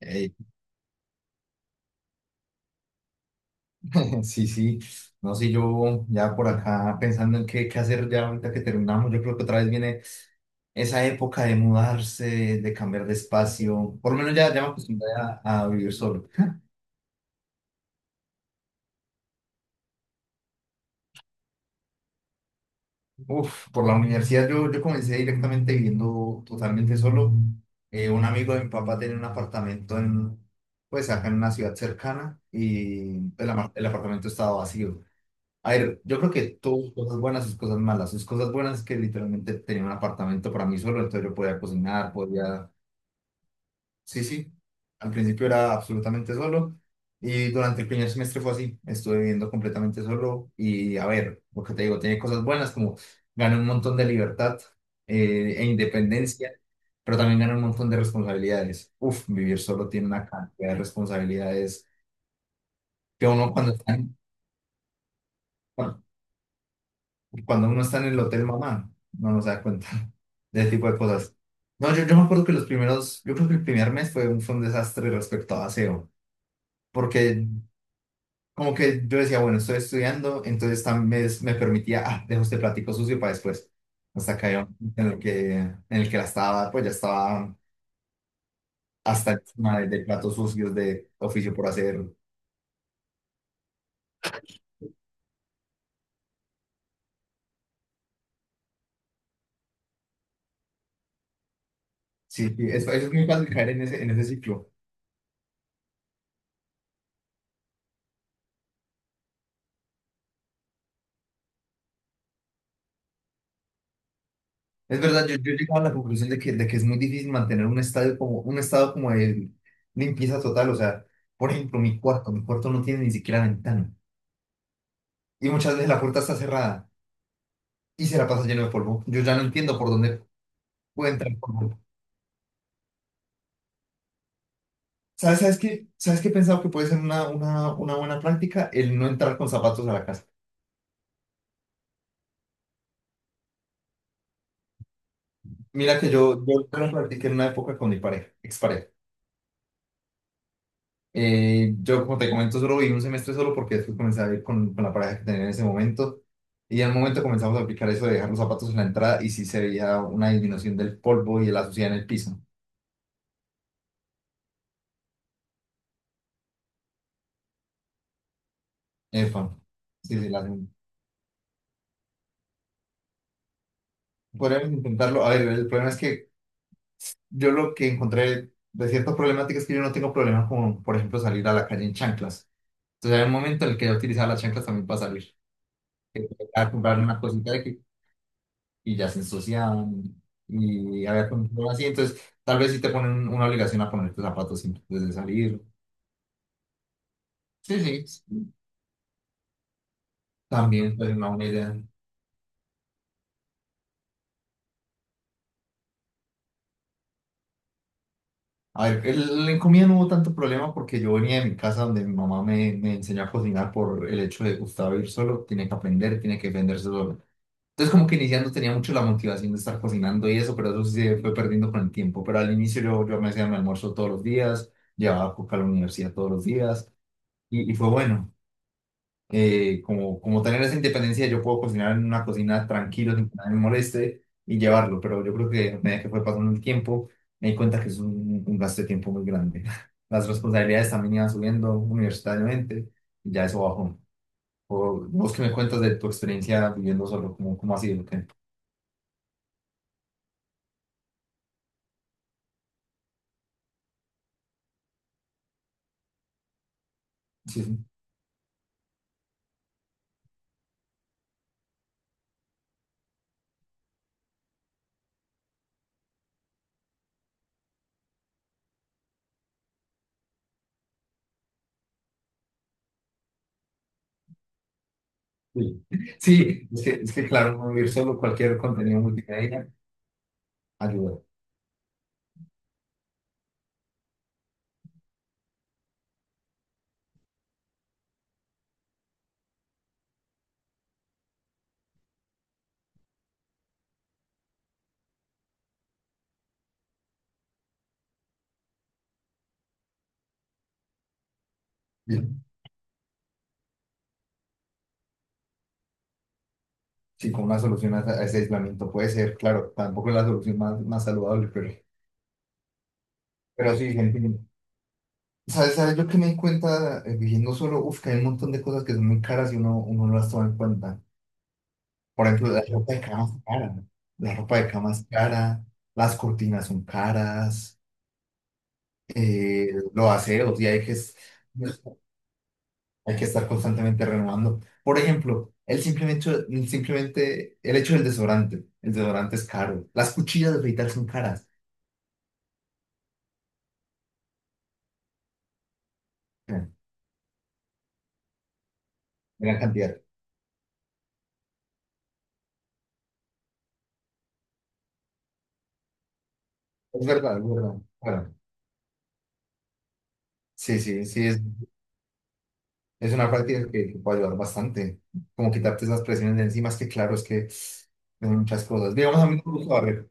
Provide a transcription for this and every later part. Ey, Sí, sí, no sé, yo ya por acá pensando en qué hacer ya ahorita que terminamos. Yo creo que otra vez viene esa época de mudarse, de cambiar de espacio. Por lo menos ya me acostumbré a vivir solo. Uf, por la universidad yo comencé directamente viviendo totalmente solo. Un amigo de mi papá tenía un apartamento en, pues acá en una ciudad cercana, y el, el apartamento estaba vacío. A ver, yo creo que tuvo sus cosas buenas, sus cosas malas. Sus cosas buenas es que literalmente tenía un apartamento para mí solo, entonces yo podía cocinar, podía... Sí, sí. Al principio era absolutamente solo, y durante el primer semestre fue así. Estuve viviendo completamente solo y a ver, porque te digo, tenía cosas buenas como gané un montón de libertad, e independencia, pero también gané un montón de responsabilidades. Uf, vivir solo tiene una cantidad de responsabilidades que uno cuando está... cuando uno está en el hotel mamá, no nos da cuenta de ese tipo de cosas. No, yo me acuerdo que los primeros, yo creo que el primer mes fue fue un desastre respecto a aseo, porque como que yo decía, bueno, estoy estudiando, entonces también me permitía, ah, dejo este platico sucio para después. Hasta que en en el que la estaba, pues ya estaba hasta encima de platos sucios de oficio por hacer. Sí, sí, es muy fácil caer en en ese ciclo. Es verdad, yo he llegado a la conclusión de de que es muy difícil mantener un estadio como, un estado como de limpieza total. O sea, por ejemplo, mi cuarto no tiene ni siquiera ventana. Y muchas veces la puerta está cerrada y se la pasa lleno de polvo. Yo ya no entiendo por dónde puede entrar polvo. ¿Sabes, sabes qué? ¿Sabes qué he pensado que puede ser una buena práctica? El no entrar con zapatos a la casa. Mira que yo lo practiqué en una época con mi pareja, expareja. Yo, como te comento, solo viví un semestre solo porque después comencé a ir con la pareja que tenía en ese momento. Y al momento comenzamos a aplicar eso de dejar los zapatos en la entrada, y sí se veía una disminución del polvo y de la suciedad en el piso. Epa. Sí, sí, podríamos intentarlo. A ver, el problema es que yo lo que encontré de ciertas problemáticas es que yo no tengo problemas con, por ejemplo, salir a la calle en chanclas. Entonces, hay un momento en el que yo utilizaba las chanclas también para salir. Que tocaba comprar una cosita de que y ya se ensuciaban, y había control así. Entonces, tal vez sí te ponen una obligación a ponerte zapatos antes de salir. Sí, sí, sí, también es una buena idea. A ver, el, en comida no hubo tanto problema porque yo venía de mi casa donde mi mamá me enseñó a cocinar, por el hecho de Gustavo ir solo, tiene que aprender, tiene que defenderse solo. Entonces como que iniciando tenía mucho la motivación de estar cocinando y eso, pero eso sí se fue perdiendo con el tiempo. Pero al inicio yo me hacía mi almuerzo todos los días, llevaba coca a la universidad todos los días y fue bueno. Como, como tener esa independencia, yo puedo cocinar en una cocina tranquilo, sin que nadie me moleste y llevarlo, pero yo creo que a medida que fue pasando el tiempo, me di cuenta que es un gasto de tiempo muy grande. Las responsabilidades también iban subiendo universitariamente y ya eso bajó. O, vos que me cuentas de tu experiencia viviendo solo, ¿cómo, cómo ha sido? ¿Qué? Sí, sí. Sí, sí, es es que claro, no vivir solo, cualquier contenido multimedia ayuda. Sí, sí, como una solución a ese aislamiento puede ser. Claro, tampoco es la solución más saludable, pero sí, gente, ¿sabes? ¿Sabes? Yo que me di cuenta viviendo solo, uf, que hay un montón de cosas que son muy caras y uno, uno no las toma en cuenta. Por ejemplo, la ropa de cama es cara, ¿no? La ropa de cama es cara, las cortinas son caras, eh, los aseos, y hay que, hay que estar constantemente renovando. Por ejemplo, el simplemente, el hecho del desodorante, el desodorante es caro, las cuchillas de afeitar son caras. Mira, gran cantidad. Es verdad, es verdad. Bueno, sí, sí, sí, es... Es una práctica que puede ayudar bastante, como quitarte esas presiones de encima, es que claro, es que hay muchas cosas. Digamos, a mí no me gusta barrer.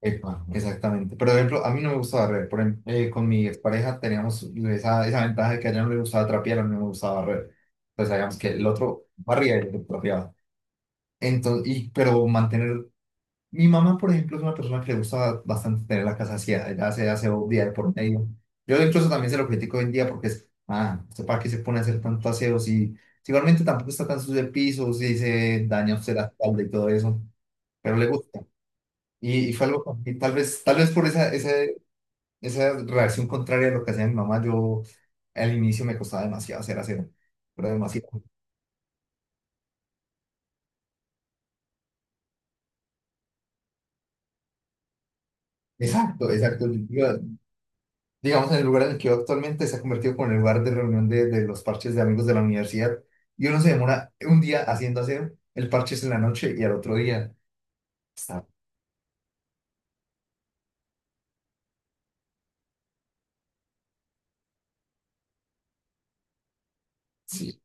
Epa, exactamente. Pero, por ejemplo, a mí no me gusta barrer. Por ejemplo, con mi expareja teníamos esa ventaja de que a ella no le gustaba trapear, a mí no me gustaba barrer. Entonces, sabíamos que el otro barría y el otro trapeaba. Entonces, y, pero mantener... Mi mamá, por ejemplo, es una persona que le gusta bastante tener la casa vacía, ella hace aseo día de por medio. Yo incluso también se lo critico hoy en día porque es, ah, ¿usted para qué se pone a hacer tanto aseo si, si igualmente tampoco está tan sucio el piso, si se daña usted la espalda y todo eso? Pero le gusta. Y fue algo, y tal vez por esa reacción contraria a lo que hacía mi mamá, yo al inicio me costaba demasiado hacer aseo, pero demasiado. Exacto, exacto. Yo, digamos, en el lugar en el que yo actualmente se ha convertido como en el lugar de reunión de los parches de amigos de la universidad. Y uno se demora un día haciendo, hacer el parche es en la noche y al otro día está, sí,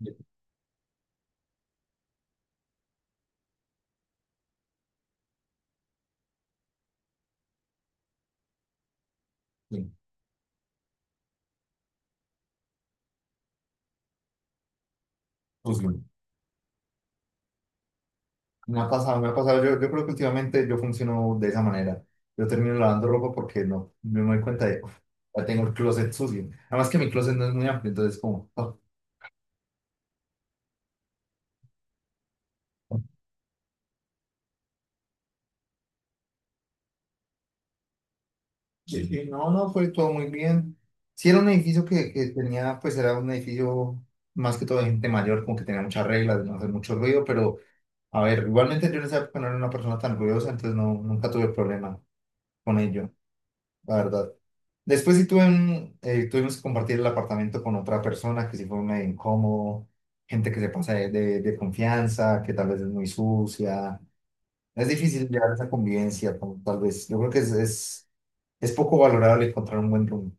sí, pues, bueno, me ha pasado, me ha pasado. Yo creo que últimamente yo funciono de esa manera. Yo termino lavando ropa porque no, no me doy cuenta de, "Uf, ya tengo el closet sucio". Además que mi closet no es muy amplio, entonces como, oh. Sí, sí, no, no, fue todo muy bien. Sí, era un edificio que tenía, pues era un edificio más que todo de gente mayor, como que tenía muchas reglas de no hacer mucho ruido, pero a ver, igualmente yo en esa época no era una persona tan ruidosa, entonces no, nunca tuve problema con ello, la verdad. Después sí tuve tuvimos que compartir el apartamento con otra persona que sí fue medio incómodo, gente que se pasa de, de confianza, que tal vez es muy sucia. Es difícil llevar esa convivencia, como tal vez. Yo creo que es poco valorable encontrar un buen rumbo.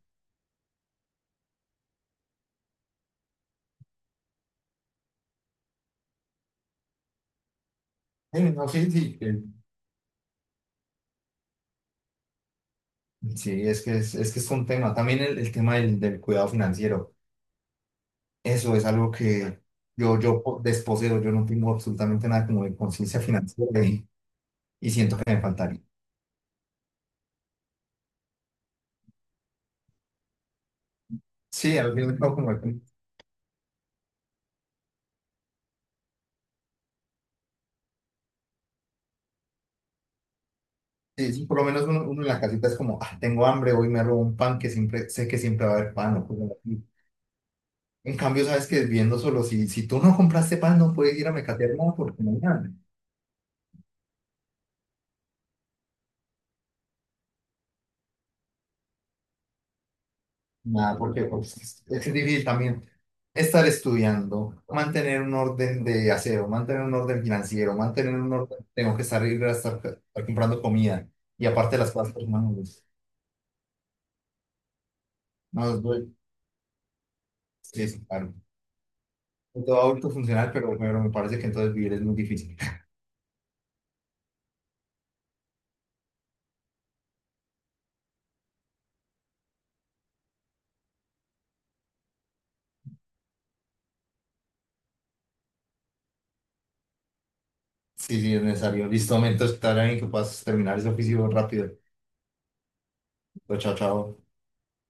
Sí, no, sí, sí, sí, es que es que es un tema. También el tema del, del cuidado financiero. Eso es algo que desposeo, yo no tengo absolutamente nada como de conciencia financiera, y siento que me faltaría. Sí, al final no, como que... Sí, sí, por lo menos uno en la casita es como, ah, tengo hambre, hoy me robo un pan, que siempre, sé que siempre va a haber pan. O cosas así. En cambio, sabes que viendo solo, si, si tú no compraste pan, no puedes ir a mercadear nada porque no hay nada. Nada, porque pues, es difícil también estar estudiando, mantener un orden de aseo, mantener un orden financiero, mantener un orden, tengo que salir a estar, estar comprando comida y aparte las cosas personales. No, es duro. Sí, sí, claro. Soy todo adulto funcional, pero me parece que entonces vivir es muy difícil. Sí, sí, es necesario. Listo, momento, estar ahí que puedas terminar ese oficio rápido. Chao, chao.